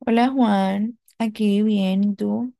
Hola Juan, aquí bien, ¿y tú?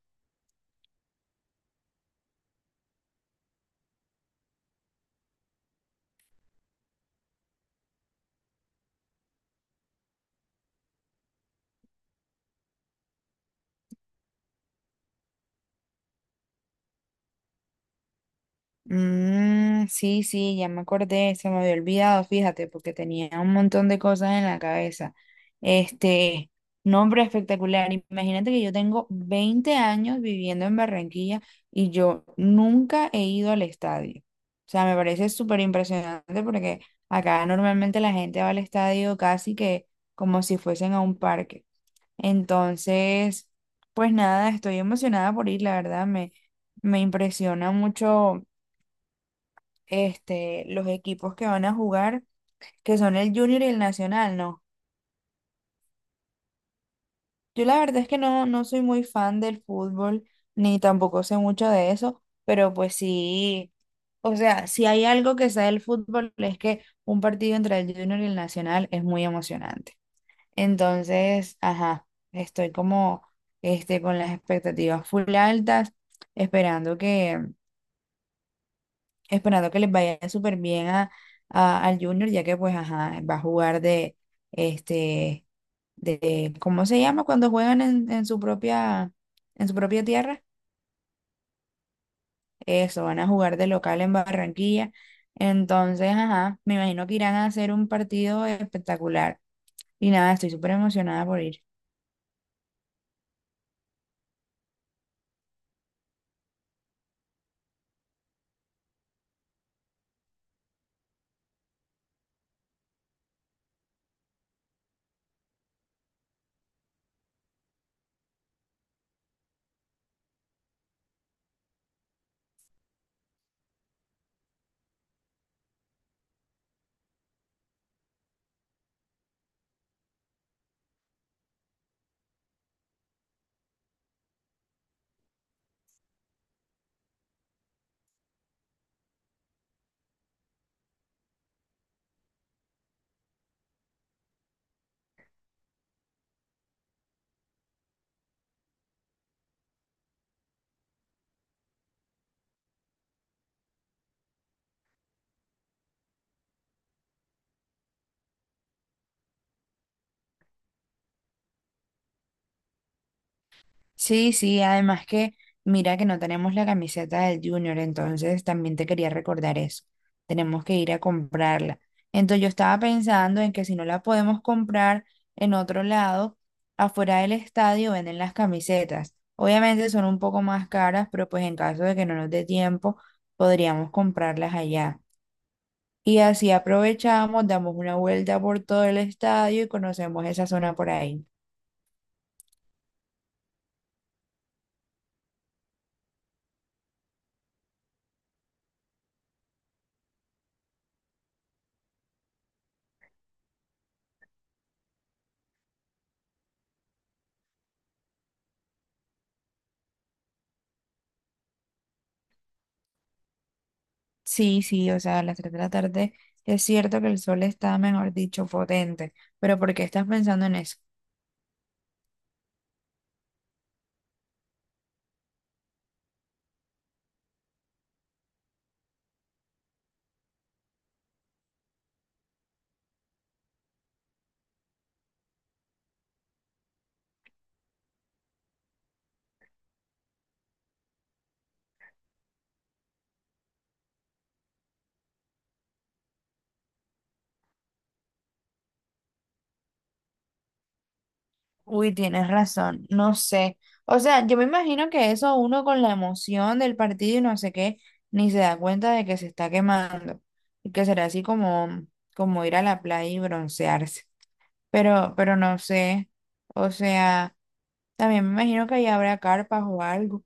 Mm, sí, sí, ya me acordé, se me había olvidado, fíjate, porque tenía un montón de cosas en la cabeza. Este, Nombre espectacular, imagínate que yo tengo 20 años viviendo en Barranquilla y yo nunca he ido al estadio. O sea, me parece súper impresionante porque acá normalmente la gente va al estadio casi que como si fuesen a un parque. Entonces, pues nada, estoy emocionada por ir, la verdad, me impresiona mucho los equipos que van a jugar, que son el Junior y el Nacional, ¿no? Yo la verdad es que no, no soy muy fan del fútbol, ni tampoco sé mucho de eso, pero pues sí, o sea, si hay algo que sea del fútbol es que un partido entre el Junior y el Nacional es muy emocionante. Entonces, ajá, estoy como con las expectativas full altas, esperando que, esperando que les vaya súper bien al Junior, ya que pues, ajá, va a jugar este, de ¿cómo se llama? Cuando juegan en su propia, en su propia tierra. Eso, van a jugar de local en Barranquilla. Entonces, ajá, me imagino que irán a hacer un partido espectacular. Y nada, estoy súper emocionada por ir. Sí, sí, además que mira que no tenemos la camiseta del Junior, entonces también te quería recordar eso. Tenemos que ir a comprarla. Entonces yo estaba pensando en que si no la podemos comprar en otro lado, afuera del estadio venden las camisetas. Obviamente son un poco más caras, pero pues en caso de que no nos dé tiempo, podríamos comprarlas allá. Y así aprovechamos, damos una vuelta por todo el estadio y conocemos esa zona por ahí. Sí, sí, o sea, a las 3 de la tarde es cierto que el sol está, mejor dicho, potente, pero ¿por qué estás pensando en eso? Uy, tienes razón, no sé. O sea, yo me imagino que eso uno con la emoción del partido y no sé qué, ni se da cuenta de que se está quemando y que será así como, como ir a la playa y broncearse. Pero no sé, o sea, también me imagino que ahí habrá carpas o algo.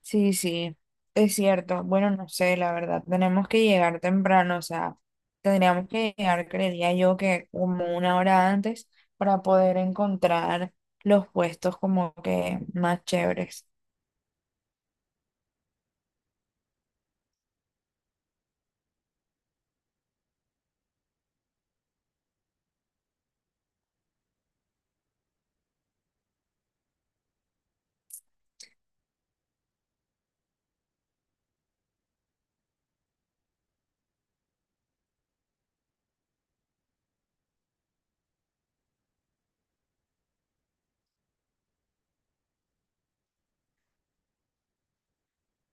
Sí, sí, es cierto. Bueno, no sé, la verdad, tenemos que llegar temprano, o sea, tendríamos que llegar, creería yo, que como una hora antes para poder encontrar los puestos como que más chéveres.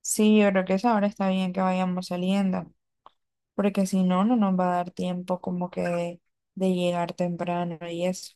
Sí, yo creo que esa hora está bien que vayamos saliendo, porque si no, no nos va a dar tiempo como que de llegar temprano y eso.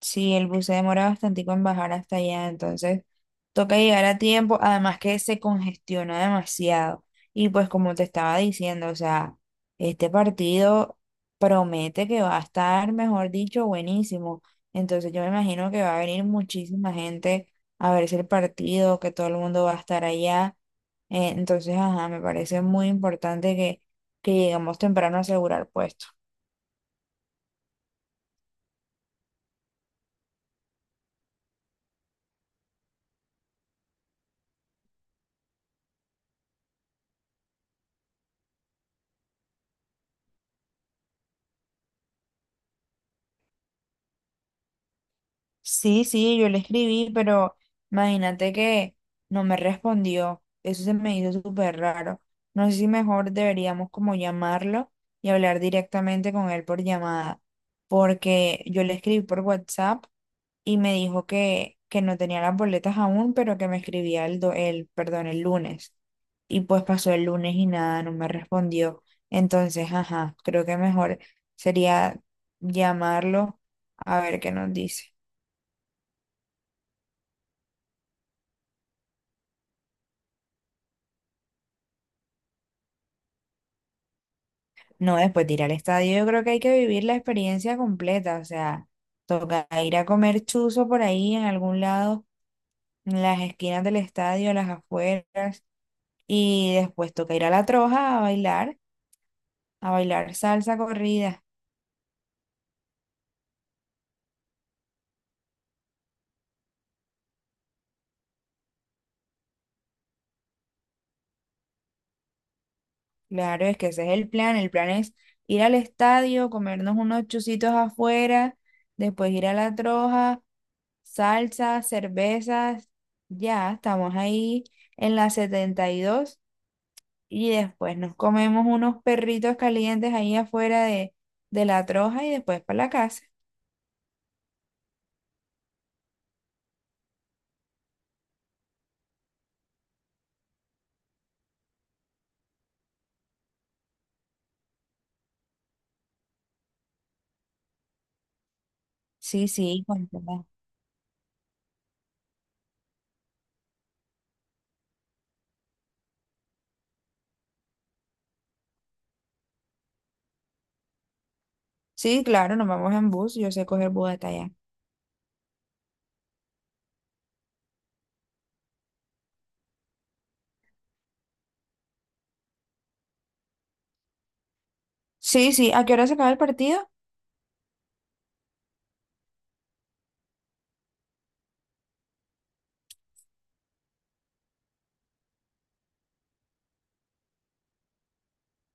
Sí, el bus se demora bastante en bajar hasta allá, entonces toca llegar a tiempo, además que se congestiona demasiado. Y pues como te estaba diciendo, o sea, este partido promete que va a estar, mejor dicho, buenísimo. Entonces yo me imagino que va a venir muchísima gente a verse el partido, que todo el mundo va a estar allá. Entonces, ajá, me parece muy importante que lleguemos temprano a asegurar puesto. Sí, sí, yo le escribí, pero imagínate que no me respondió. Eso se me hizo súper raro. No sé si mejor deberíamos como llamarlo y hablar directamente con él por llamada, porque yo le escribí por WhatsApp y me dijo que no tenía las boletas aún, pero que me escribía perdón, el lunes. Y pues pasó el lunes y nada, no me respondió. Entonces, ajá, creo que mejor sería llamarlo a ver qué nos dice. No, después de ir al estadio, yo creo que hay que vivir la experiencia completa, o sea, toca ir a comer chuzo por ahí en algún lado, en las esquinas del estadio, a las afueras, y después toca ir a la troja a bailar salsa corrida. Claro, es que ese es el plan es ir al estadio, comernos unos chuzitos afuera, después ir a la troja, salsa, cervezas, ya, estamos ahí en la 72. Y después nos comemos unos perritos calientes ahí afuera de la troja y después para la casa. Sí, sí, con toda- Sí, claro, nos vamos en bus. Yo sé coger bus hasta allá. Sí, sí. ¿A qué hora se acaba el partido?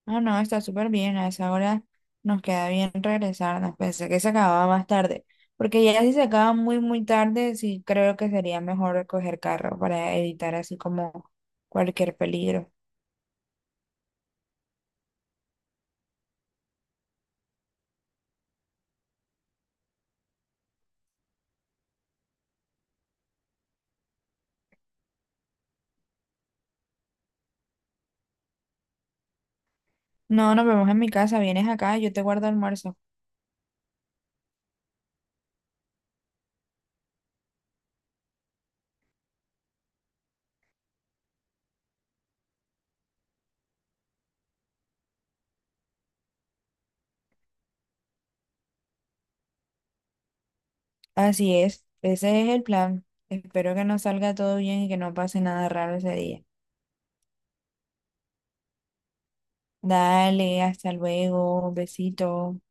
No, no, está súper bien. A esa hora nos queda bien regresarnos. Pensé que se acababa más tarde. Porque ya si se acaba muy, muy tarde, sí creo que sería mejor coger carro para evitar así como cualquier peligro. No, nos vemos en mi casa. Vienes acá, yo te guardo almuerzo. Así es, ese es el plan. Espero que nos salga todo bien y que no pase nada raro ese día. Dale, hasta luego, besito.